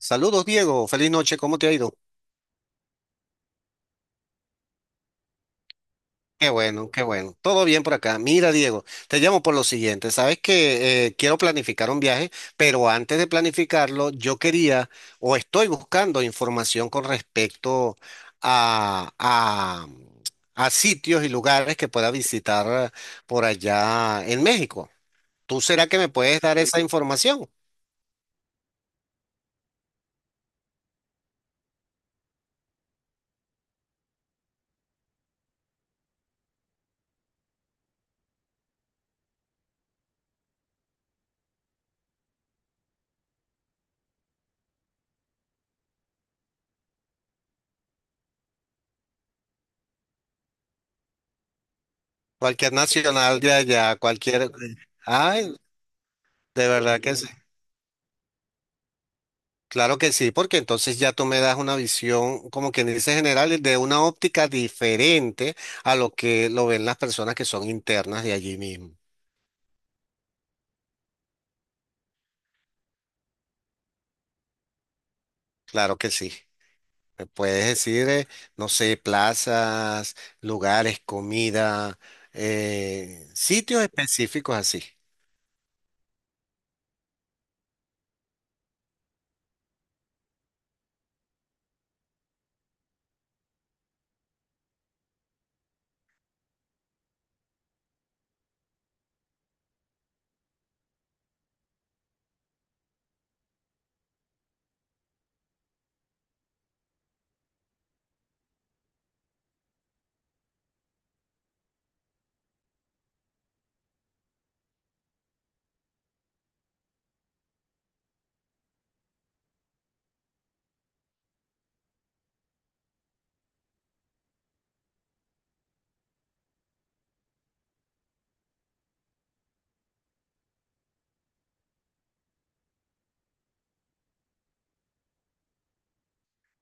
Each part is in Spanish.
Saludos, Diego. Feliz noche. ¿Cómo te ha ido? Qué bueno, qué bueno. Todo bien por acá. Mira, Diego, te llamo por lo siguiente. Sabes que quiero planificar un viaje, pero antes de planificarlo, yo quería o estoy buscando información con respecto a, a, a sitios y lugares que pueda visitar por allá en México. ¿Tú será que me puedes dar esa información? Cualquier nacional de allá, Ay, de verdad que sí. Claro que sí, porque entonces ya tú me das una visión, como quien dice general, de una óptica diferente a lo que lo ven las personas que son internas de allí mismo. Claro que sí. Me puedes decir, no sé, plazas, lugares, comida, sitios específicos así.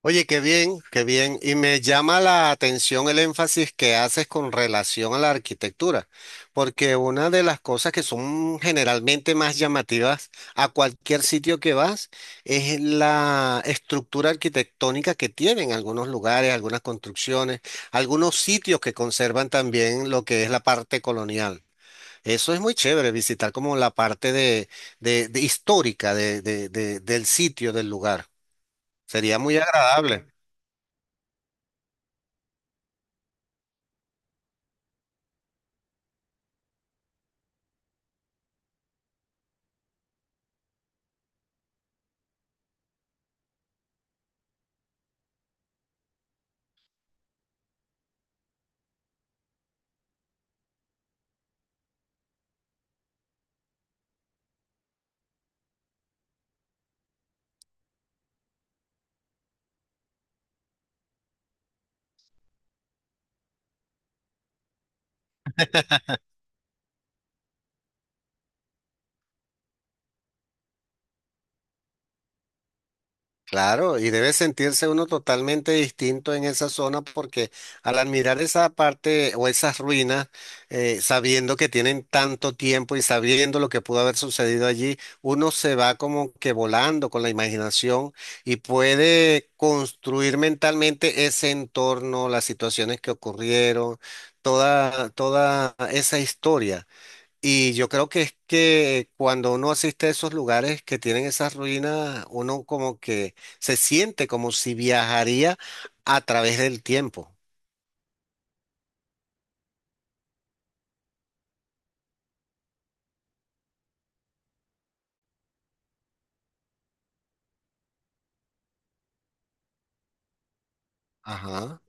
Oye, qué bien, qué bien. Y me llama la atención el énfasis que haces con relación a la arquitectura, porque una de las cosas que son generalmente más llamativas a cualquier sitio que vas es la estructura arquitectónica que tienen algunos lugares, algunas construcciones, algunos sitios que conservan también lo que es la parte colonial. Eso es muy chévere, visitar como la parte de, de histórica del sitio, del lugar. Sería muy agradable. Claro, y debe sentirse uno totalmente distinto en esa zona porque al admirar esa parte o esas ruinas, sabiendo que tienen tanto tiempo y sabiendo lo que pudo haber sucedido allí, uno se va como que volando con la imaginación y puede construir mentalmente ese entorno, las situaciones que ocurrieron, toda, toda esa historia. Y yo creo que es que cuando uno asiste a esos lugares que tienen esas ruinas, uno como que se siente como si viajaría a través del tiempo. Ajá.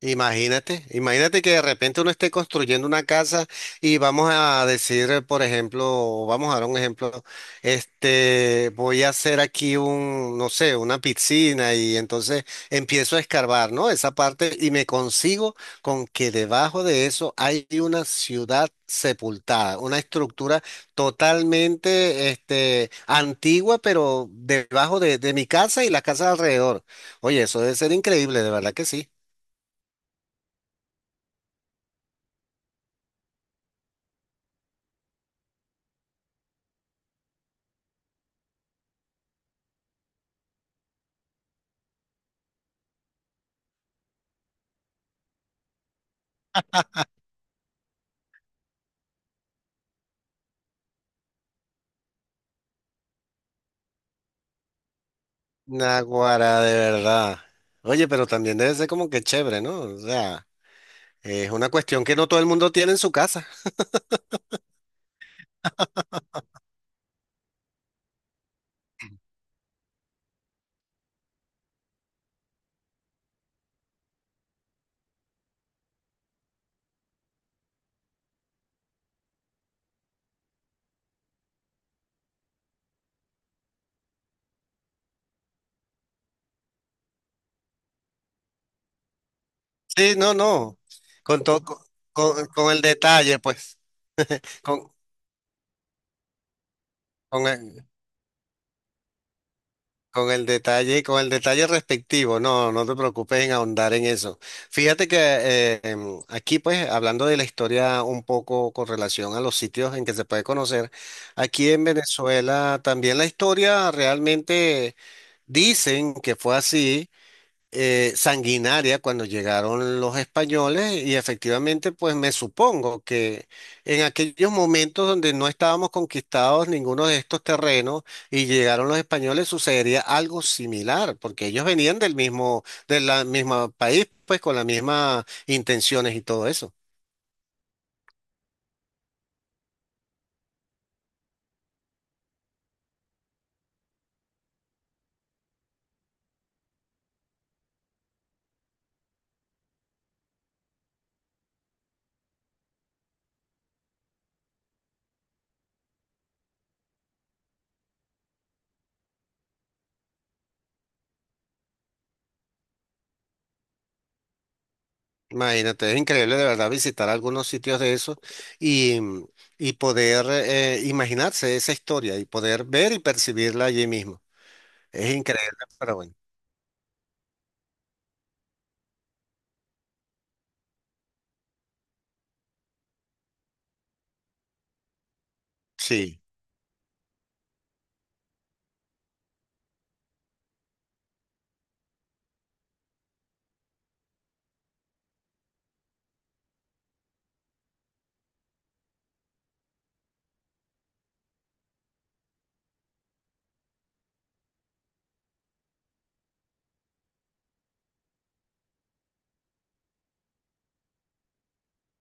Imagínate, imagínate que de repente uno esté construyendo una casa y vamos a decir, por ejemplo, vamos a dar un ejemplo, este, voy a hacer aquí un, no sé, una piscina y entonces empiezo a escarbar, ¿no? Esa parte y me consigo con que debajo de eso hay una ciudad sepultada, una estructura totalmente, este, antigua, pero debajo de mi casa y las casas alrededor. Oye, eso debe ser increíble, de verdad que sí. Naguará, de verdad. Oye, pero también debe ser como que chévere, ¿no? O sea, es una cuestión que no todo el mundo tiene en su casa. Sí, no, no. Con todo, con, con el detalle, pues. Con, con el, con el detalle respectivo. No, no te preocupes en ahondar en eso. Fíjate que aquí, pues, hablando de la historia un poco con relación a los sitios en que se puede conocer, aquí en Venezuela también la historia realmente dicen que fue así. Sanguinaria cuando llegaron los españoles y efectivamente pues me supongo que en aquellos momentos donde no estábamos conquistados ninguno de estos terrenos y llegaron los españoles sucedería algo similar porque ellos venían del mismo del la misma país pues con las mismas intenciones y todo eso. Imagínate, es increíble de verdad visitar algunos sitios de esos y, y poder imaginarse esa historia y poder ver y percibirla allí mismo. Es increíble, pero bueno. Sí,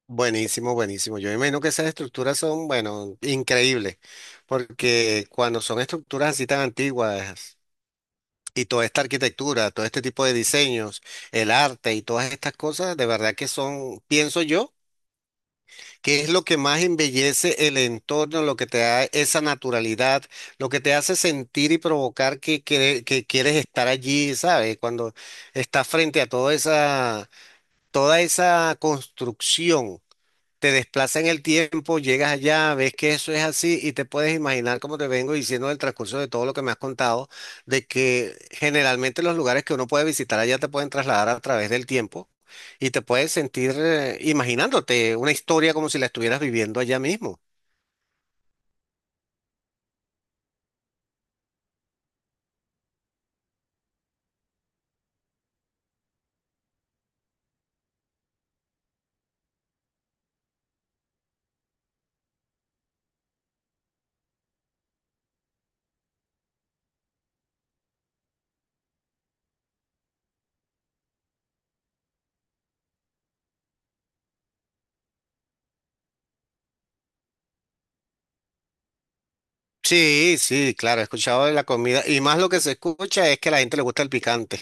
buenísimo, buenísimo. Yo imagino que esas estructuras son, bueno, increíbles, porque cuando son estructuras así tan antiguas y toda esta arquitectura, todo este tipo de diseños, el arte y todas estas cosas, de verdad que son, pienso yo, que es lo que más embellece el entorno, lo que te da esa naturalidad, lo que te hace sentir y provocar que, que quieres estar allí, ¿sabes? Cuando estás frente a toda esa construcción. Te desplaza en el tiempo, llegas allá, ves que eso es así y te puedes imaginar, como te vengo diciendo en el transcurso de todo lo que me has contado, de que generalmente los lugares que uno puede visitar allá te pueden trasladar a través del tiempo y te puedes sentir imaginándote una historia como si la estuvieras viviendo allá mismo. Sí, sí, claro, he escuchado de la comida y más lo que se escucha es que a la gente le gusta el picante.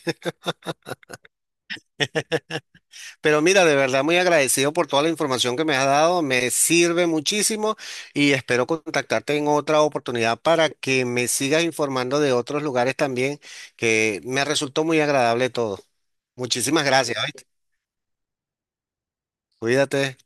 Pero mira, de verdad muy agradecido por toda la información que me has dado, me sirve muchísimo y espero contactarte en otra oportunidad para que me sigas informando de otros lugares también, que me resultó muy agradable todo. Muchísimas gracias, ¿oíste? Cuídate.